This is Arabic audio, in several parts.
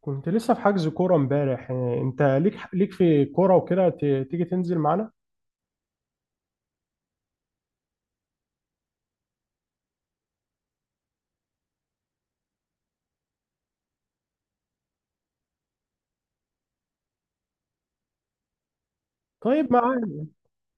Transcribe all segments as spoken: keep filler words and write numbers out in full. كنت لسه في حجز كورة امبارح، إيه، انت ليك ليك في كورة وكده ت- تيجي تنزل معانا. طيب، معانا.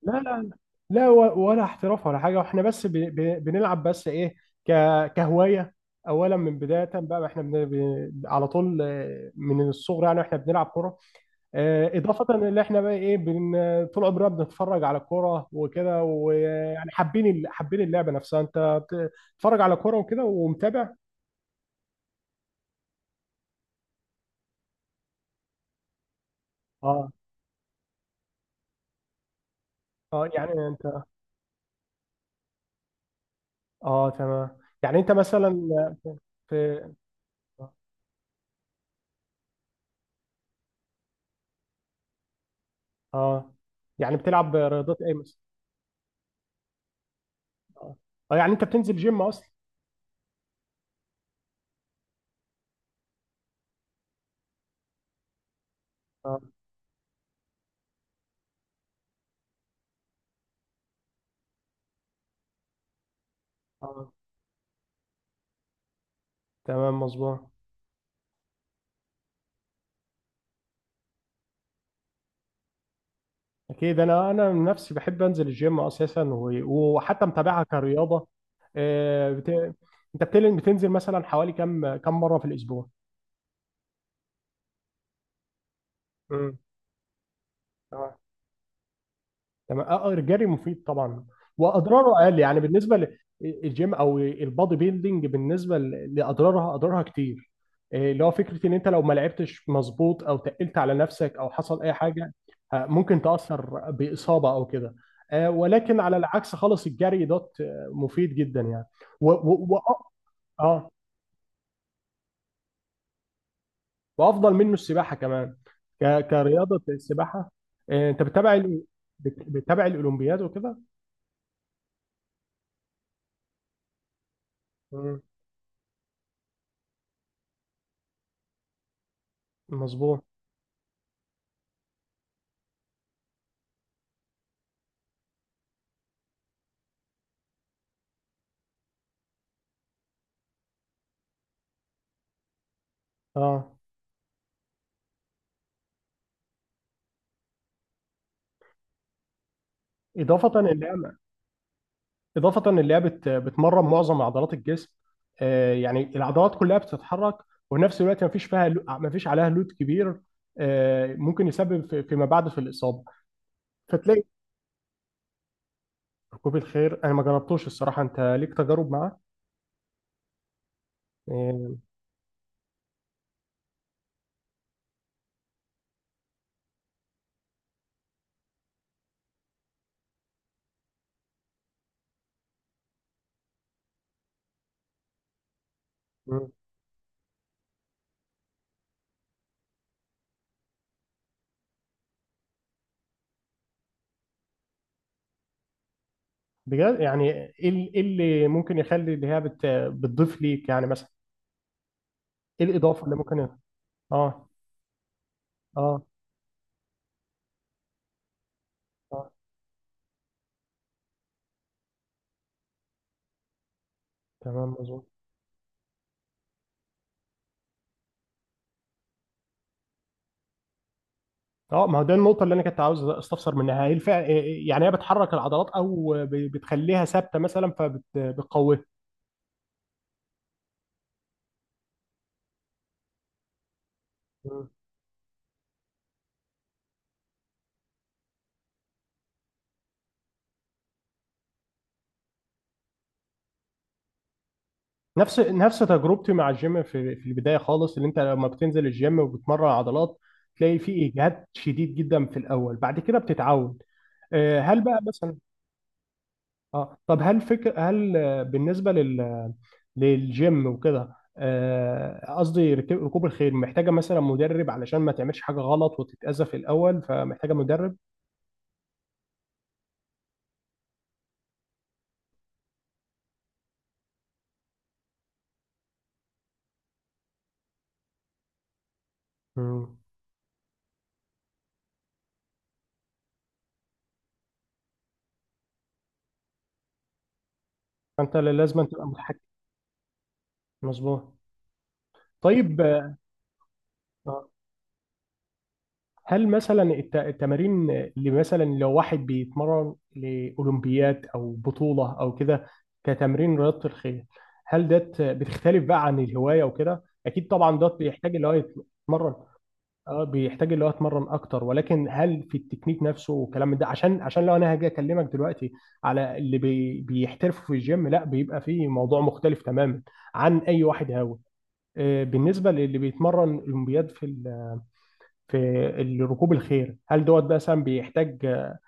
لا لا لا، و- ولا احتراف ولا حاجة، واحنا بس ب... ب... بنلعب، بس ايه، ك... كهواية. اولا من بداية بقى احنا بن... ب... على طول، آه، من الصغر يعني احنا بنلعب كورة. آه، اضافة ان احنا بقى ايه، بن... طول عمرنا بنتفرج على الكورة وكده، ويعني حابين ال- حابين اللعبة نفسها. انت بتتفرج على كورة وكده ومتابع؟ اه، اه. يعني انت. اه، تمام. يعني انت مثلا. في. اه. يعني بتلعب رياضات ايه مثلا؟ اه. آه، يعني انت بتنزل جيم اصلا؟ اه، اه، تمام، مظبوط. اكيد انا انا من نفسي بحب انزل الجيم اساسا، و- وحتى متابعها كرياضه. آه، بت... انت بتل... بتنزل مثلا حوالي كم كم مره في الاسبوع؟ امم تمام. اه. آه، الجري مفيد طبعا، واضراره اقل يعني بالنسبه للجيم او البادي بيلدينج. بالنسبه ل- لاضرارها اضرارها كتير. إيه، اللي هو فكره ان انت لو ما لعبتش مظبوط او تقلت على نفسك او حصل اي حاجه، آه، ممكن تاثر باصابه او كده. آه، ولكن على العكس خالص، الجري دوت آه، مفيد جدا يعني. و و و اه. آه، وافضل منه السباحه كمان. ك- كرياضه السباحه. آه، انت بتتابع ال- بت- بتتابع الاولمبياد وكده؟ مم، مظبوط. اه. اضافه اللعبه اضافه اللعبه بت... بتمرن معظم عضلات الجسم. آه يعني العضلات كلها بتتحرك. وفي نفس الوقت ما فيش فيها لو- ما فيش عليها لود كبير. آه ممكن يسبب في... فيما بعد في الاصابه. فتلاقي. ركوب الخيل انا ما جربتوش الصراحه. انت ليك تجارب معاه؟ آه. مم. بجد، يعني ايه ال- إيه اللي ممكن يخلي اللي هي بت... بتضيف ليك، يعني مثلا ايه الاضافه اللي ممكن ي- اه، اه، اه، تمام، مظبوط. اه. ما هو ده النقطة اللي أنا كنت عاوز أستفسر منها. هل الفع... يعني هي بتحرك العضلات، أو ب- بتخليها ثابتة مثلا فبتقويها؟ مم. نفس نفس تجربتي مع الجيم في في البدايه خالص. اللي انت لما بتنزل الجيم وبتمرن عضلات تلاقي في اجهاد شديد جدا في الاول، بعد كده بتتعود. آه، هل بقى مثلا. اه. طب هل فكر هل آه، بالنسبه لل... للجيم وكده، آه، قصدي ركوب ركوب الخيل محتاجه مثلا مدرب علشان ما تعملش حاجه غلط وتتاذى في الاول، فمحتاجه مدرب؟ مم. فانت لازم تبقى متحكم. مظبوط. طيب. آه، هل مثلا الت- التمارين اللي مثلا لو واحد بيتمرن لاولمبيات او بطوله او كده، كتمرين رياضه الخيل، هل ده بتختلف بقى عن الهوايه وكده؟ اكيد طبعا، ده بيحتاج اللي هو يتمرن. اه، بيحتاج اللي هو يتمرن اكتر، ولكن هل في التكنيك نفسه والكلام ده؟ عشان عشان لو انا هاجي اكلمك دلوقتي على اللي بي بيحترفوا في الجيم، لا بيبقى فيه موضوع مختلف تماما عن اي واحد هاوي. آه، بالنسبة للي بيتمرن أولمبياد في ال- في ركوب الخيل، هل دوت بقى مثلا بيحتاج آه،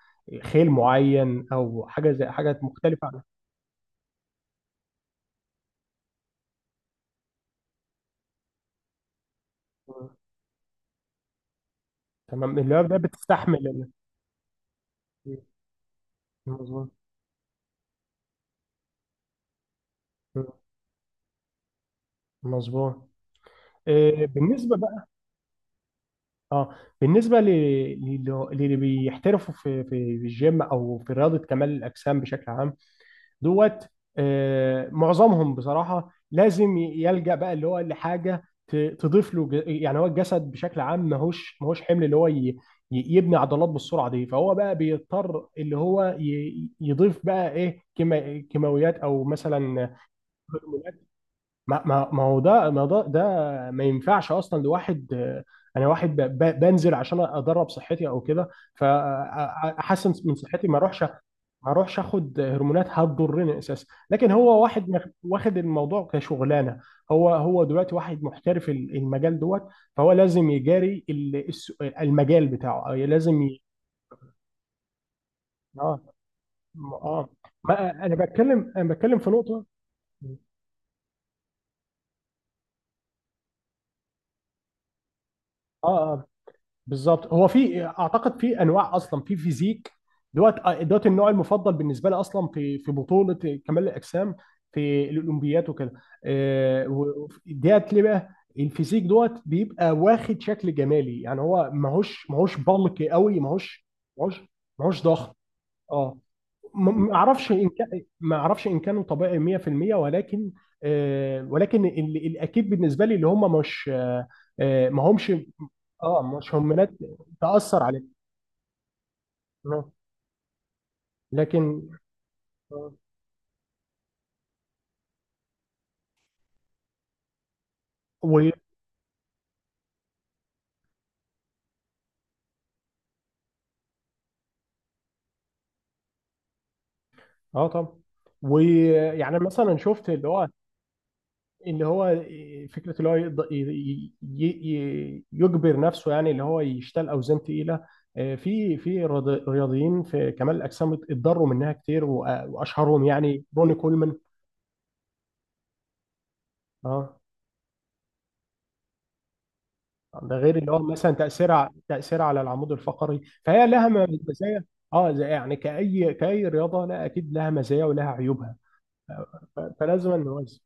خيل معين، أو حاجة زي حاجة مختلفة عن. مم. تمام، اللي هو ده بتستحمل ال- مم. مظبوط. مم. مظبوط. آه، بالنسبة بقى. اه، بالنسبة ل- لل- للي بيحترفوا في في في الجيم أو في رياضة كمال الأجسام بشكل عام دوت. آه، معظمهم بصراحة لازم يلجأ بقى اللي هو لحاجة ت- تضيف له ج- يعني. هو الجسد بشكل عام ماهوش ماهوش حمل اللي هو ي- ي- يبني عضلات بالسرعة دي، فهو بقى بيضطر اللي هو ي- يضيف بقى ايه، كيما- كيماويات او مثلا. ما ما ما هو ده، ما ده ده. ما ينفعش اصلا لواحد، آه، انا واحد ب- ب- بنزل عشان ادرب صحتي او كده، فاحسن من صحتي ما اروحش. ما اروحش اخد هرمونات هتضرني اساسا. لكن هو واحد مخ- واخد الموضوع كشغلانه. هو هو دلوقتي واحد محترف ال- المجال دوت، فهو لازم يجاري ال- الس- المجال بتاعه، أو لازم ي... اه. اه. ما انا بتكلم انا بتكلم في نقطه. اه. آه. بالظبط، هو في اعتقد في انواع اصلا، في فيزيك دوت. آه، دوت النوع المفضل بالنسبه لي اصلا في في بطوله كمال الاجسام في الاولمبيات وكده. آه، و- ديت ليه بقى الفيزيك دوت بيبقى واخد شكل جمالي، يعني هو ماهوش ماهوش بلقي قوي، ماهوش. ماهوش ماهوش ضخم. اه. ما ما اعرفش ان كان، ما اعرفش ان كانوا طبيعي مية في المية، ولكن. آه، ولكن ال- الاكيد بالنسبه لي اللي هم مش، آه، آه، ما همش. اه، مش هرمونات تأثر عليه. آه. لكن. آه. و اه طبعا. ويعني مثلا شفت اللي هو. اللي هو آه، فكره اللي هو يقدر ي... ي... ي... يجبر نفسه، يعني اللي هو يشتغل اوزان تقيله. آه، في في رياض- رياضيين في كمال الاجسام اتضروا منها كتير، وأ- واشهرهم يعني روني كولمان. اه. ده غير اللي هو مثلا تاثيرها تاثيرها على العمود الفقري، فهي لها مزايا. اه، زي يعني كاي كاي رياضه، لا، اكيد لها مزايا ولها عيوبها، ف- فلازم نوازن.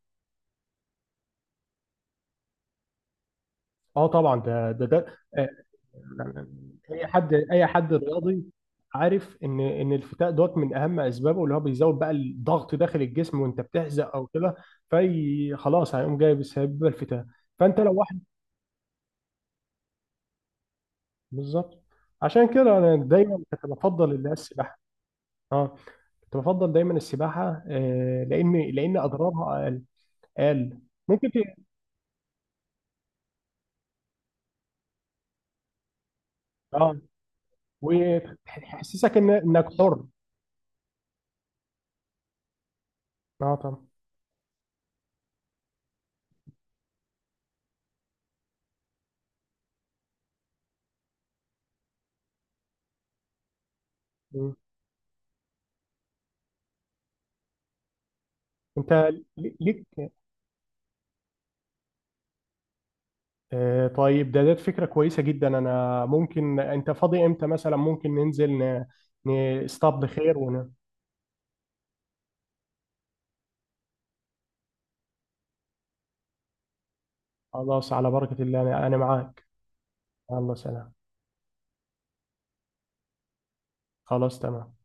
اه، طبعا، ده ده ده. آه، اي حد اي حد رياضي عارف ان ان الفتاء دوت من اهم اسبابه اللي هو بيزود بقى الضغط داخل الجسم وانت بتحزق او كده. في خلاص هيقوم جايب بسبب الفتاء. فانت لو واحد. بالظبط. عشان كده انا دايما كنت بفضل اللي هي السباحه. اه. كنت بفضل دايما السباحه، آه لان لان اضرارها اقل اقل. ممكن ت... اه، وتحسسك ان انك حر. اه، طبعا. انت ليك. آه، طيب، ده ده فكرة كويسة جدا. انا ممكن انت فاضي امتى مثلا؟ ممكن ننزل ن- نصطاد بخير ون... خلاص، على بركة الله. انا أنا معاك. الله. سلام. خلاص، تمام.